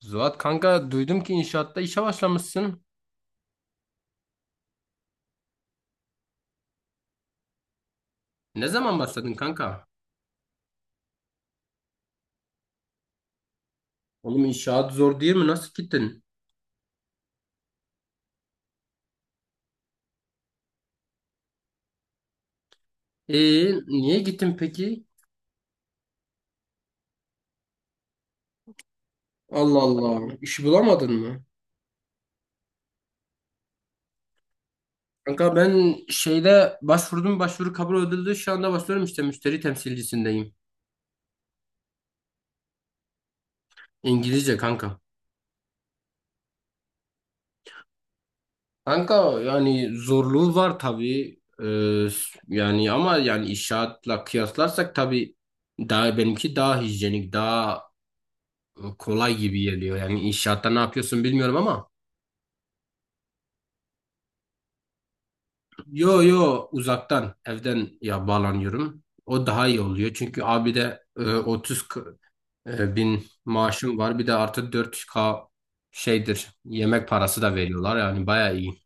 Zuhat kanka duydum ki inşaatta işe başlamışsın. Ne zaman başladın kanka? Oğlum inşaat zor değil mi? Nasıl gittin? Ee, Niye gittin peki? Allah Allah. İş bulamadın mı? Kanka ben şeyde başvurdum, başvuru kabul edildi. Şu anda başlıyorum, işte müşteri temsilcisindeyim. İngilizce kanka. Kanka yani zorluğu var tabii. Yani ama yani inşaatla kıyaslarsak tabii daha benimki daha hijyenik, daha kolay gibi geliyor. Yani inşaatta ne yapıyorsun bilmiyorum ama yo yo, uzaktan evden ya bağlanıyorum. O daha iyi oluyor. Çünkü abi de 30 bin maaşım var. Bir de artı 4K şeydir. Yemek parası da veriyorlar. Yani bayağı iyi.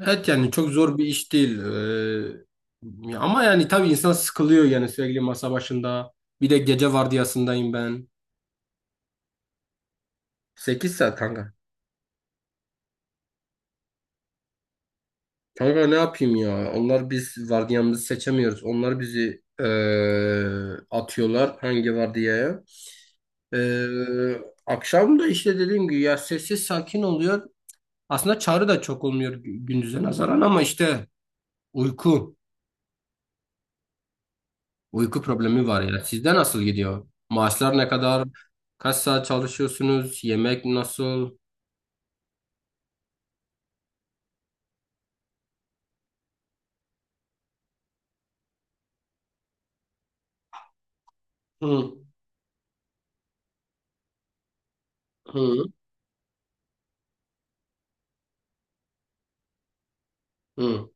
Evet yani çok zor bir iş değil. Ama yani tabii insan sıkılıyor, yani sürekli masa başında. Bir de gece vardiyasındayım ben. 8 saat kanka. Kanka ne yapayım ya? Onlar, biz vardiyamızı seçemiyoruz. Onlar bizi atıyorlar hangi vardiyaya. Akşam da işte dediğim gibi ya sessiz sakin oluyor. Aslında çağrı da çok olmuyor gündüze nazaran, ama işte uyku. Uyku problemi var ya. Sizde nasıl gidiyor? Maaşlar ne kadar? Kaç saat çalışıyorsunuz? Yemek nasıl? Hı, hı, hı.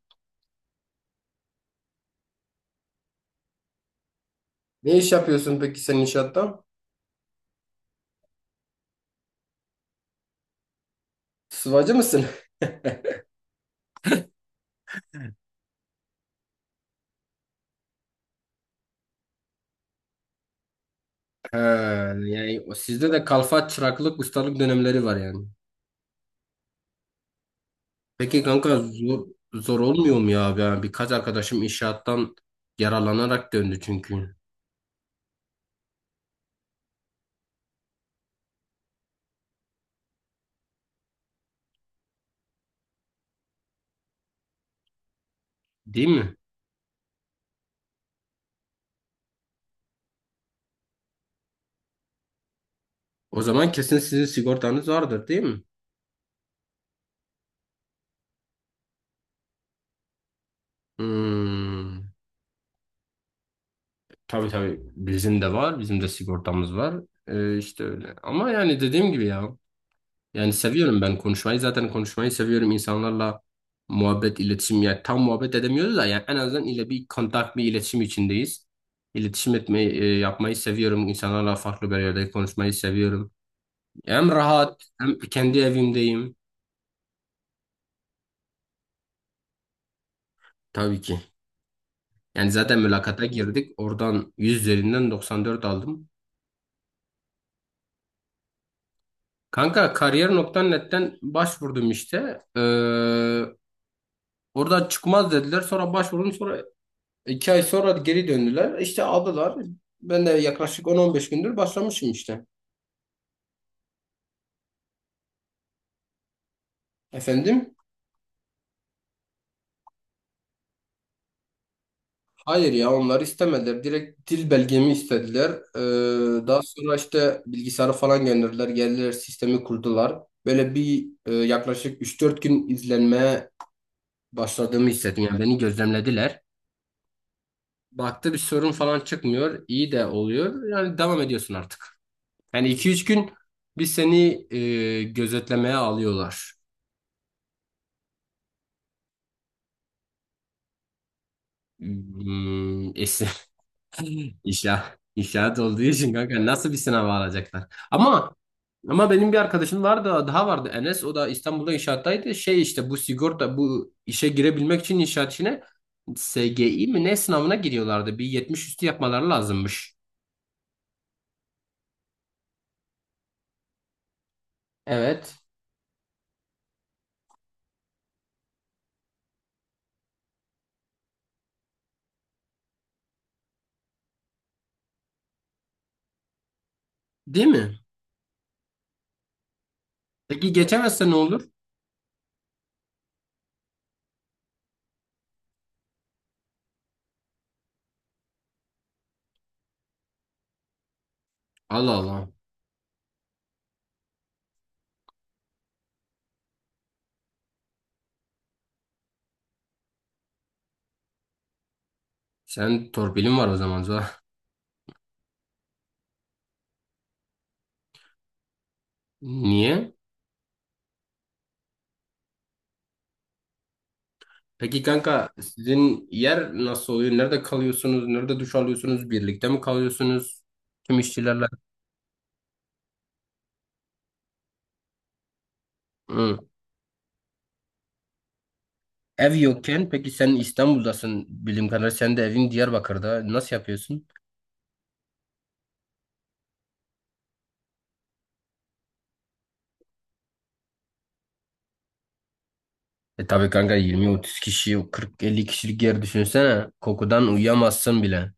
Ne iş yapıyorsun peki sen inşaatta? Sıvacı mısın? He, yani sizde de kalfa çıraklık ustalık dönemleri var yani. Peki kanka, zor olmuyor mu ya abi? Yani birkaç arkadaşım inşaattan yaralanarak döndü çünkü. Değil mi? O zaman kesin sizin sigortanız vardır değil mi? Hmm, tabii tabii, bizim de var. Bizim de sigortamız var. İşte öyle. Ama yani dediğim gibi ya. Yani seviyorum ben konuşmayı. Zaten konuşmayı seviyorum insanlarla, muhabbet, iletişim. Yani tam muhabbet edemiyoruz da yani en azından ile bir kontak, bir iletişim içindeyiz. İletişim etmeyi, yapmayı seviyorum. İnsanlarla farklı bir yerde konuşmayı seviyorum. Hem rahat, hem kendi evimdeyim, tabii ki. Yani zaten mülakata girdik. Oradan 100 üzerinden 94 aldım. Kanka, kariyer.net'ten başvurdum işte. Orada çıkmaz dediler. Sonra başvurdum. Sonra 2 ay sonra geri döndüler. İşte aldılar. Ben de yaklaşık 10-15 gündür başlamışım işte. Efendim? Hayır ya, onlar istemediler. Direkt dil belgemi istediler. Daha sonra işte bilgisayarı falan gönderdiler. Geldiler, sistemi kurdular. Böyle bir yaklaşık 3-4 gün izlenmeye başladığımı hissettim. Yani beni gözlemlediler. Baktı bir sorun falan çıkmıyor. İyi de oluyor. Yani devam ediyorsun artık. Yani 2-3 gün bir seni gözetlemeye alıyorlar. Hmm, es- inşaat olduğu için kanka, nasıl bir sınava alacaklar? Ama ama benim bir arkadaşım vardı, daha vardı, Enes, o da İstanbul'da inşaattaydı. Şey işte, bu sigorta, bu işe girebilmek için inşaat işine SGI mi ne sınavına giriyorlardı. Bir 70 üstü yapmaları lazımmış. Evet. Değil mi? Peki geçemezse ne olur? Allah Allah. Sen torpilin var o zaman Zuhal. Niye? Peki kanka, sizin yer nasıl oluyor? Nerede kalıyorsunuz? Nerede duş alıyorsunuz? Birlikte mi kalıyorsunuz? Tüm işçilerle. Hı. Ev yokken peki, sen İstanbul'dasın bildiğim kadarıyla, sen de evin Diyarbakır'da, nasıl yapıyorsun? E tabii kanka, 20-30 kişi, 40-50 kişilik yer düşünsene, kokudan uyuyamazsın bile.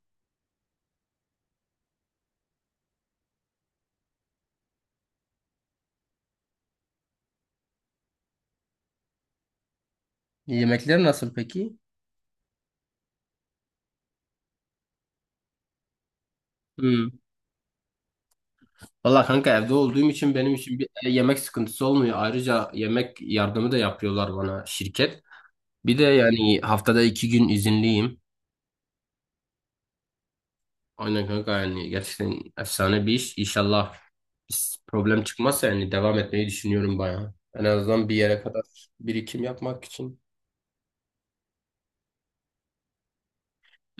Yemekler nasıl peki? Hmm. Valla kanka, evde olduğum için benim için bir yemek sıkıntısı olmuyor. Ayrıca yemek yardımı da yapıyorlar bana, şirket. Bir de yani haftada 2 gün izinliyim. Aynen kanka, yani gerçekten efsane bir iş. İnşallah biz problem çıkmazsa, yani devam etmeyi düşünüyorum bayağı. En azından bir yere kadar birikim yapmak için.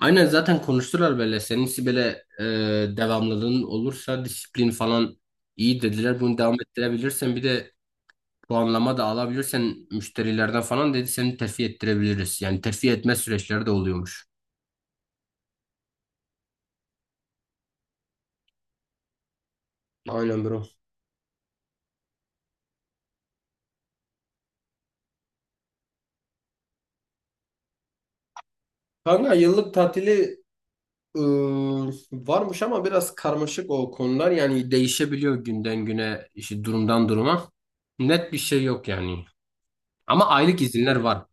Aynen, zaten konuştular böyle. Seninkisi böyle devamlılığın olursa, disiplin falan iyi dediler. Bunu devam ettirebilirsen, bir de puanlama da alabilirsen müşterilerden falan, dedi, seni terfi ettirebiliriz. Yani terfi etme süreçleri de oluyormuş. Aynen bro. Kanka yıllık tatili varmış, ama biraz karmaşık o konular, yani değişebiliyor günden güne, işte durumdan duruma, net bir şey yok yani, ama aylık izinler var.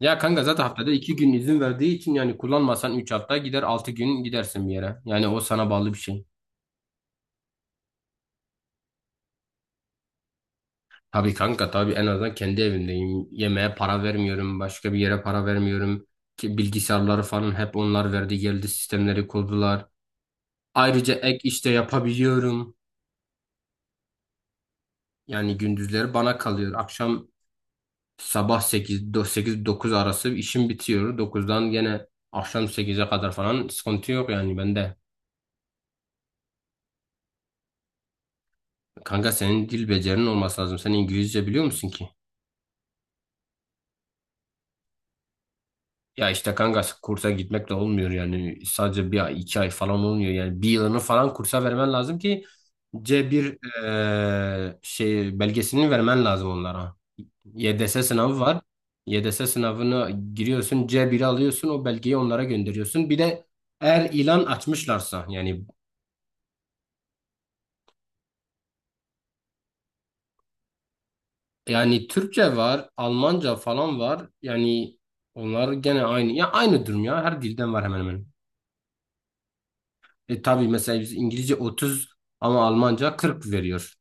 Ya kanka, zaten haftada 2 gün izin verdiği için, yani kullanmasan 3 hafta gider, 6 gün gidersin bir yere, yani o sana bağlı bir şey. Tabii kanka, tabii en azından kendi evimdeyim, yemeğe para vermiyorum, başka bir yere para vermiyorum ki. Bilgisayarları falan hep onlar verdi, geldi sistemleri kurdular. Ayrıca ek işte yapabiliyorum, yani gündüzleri bana kalıyor, akşam Sabah 8-9 arası işim bitiyor. 9'dan gene akşam 8'e kadar falan sıkıntı yok yani bende. Kanka senin dil becerinin olması lazım. Sen İngilizce biliyor musun ki? Ya işte kanka, kursa gitmek de olmuyor yani. Sadece bir ay, 2 ay falan olmuyor yani. Bir yılını falan kursa vermen lazım ki C1 şey belgesini vermen lazım onlara. YDS sınavı var. YDS sınavına giriyorsun, C1'i alıyorsun, o belgeyi onlara gönderiyorsun. Bir de eğer ilan açmışlarsa yani. Yani Türkçe var, Almanca falan var. Yani onlar gene aynı. Ya aynı durum ya. Her dilden var hemen hemen. E tabii, mesela biz İngilizce 30, ama Almanca 40 veriyor.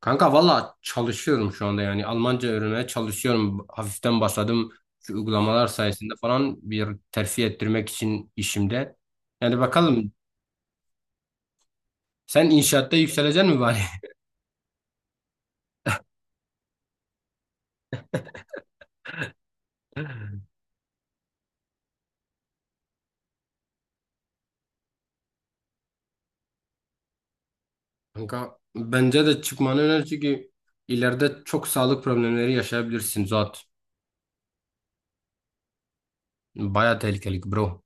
Kanka valla çalışıyorum şu anda yani. Almanca öğrenmeye çalışıyorum. Hafiften başladım. Şu uygulamalar sayesinde falan, bir terfi ettirmek için işimde. Yani bakalım, sen inşaatta yükseleceksin mi bari? Kanka bence de çıkmanı öner, çünkü ileride çok sağlık problemleri yaşayabilirsin Zuhat. Baya tehlikeli bro.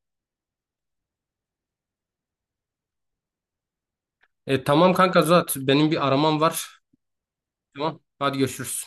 Tamam kanka Zuhat. Benim bir aramam var. Tamam. Hadi görüşürüz.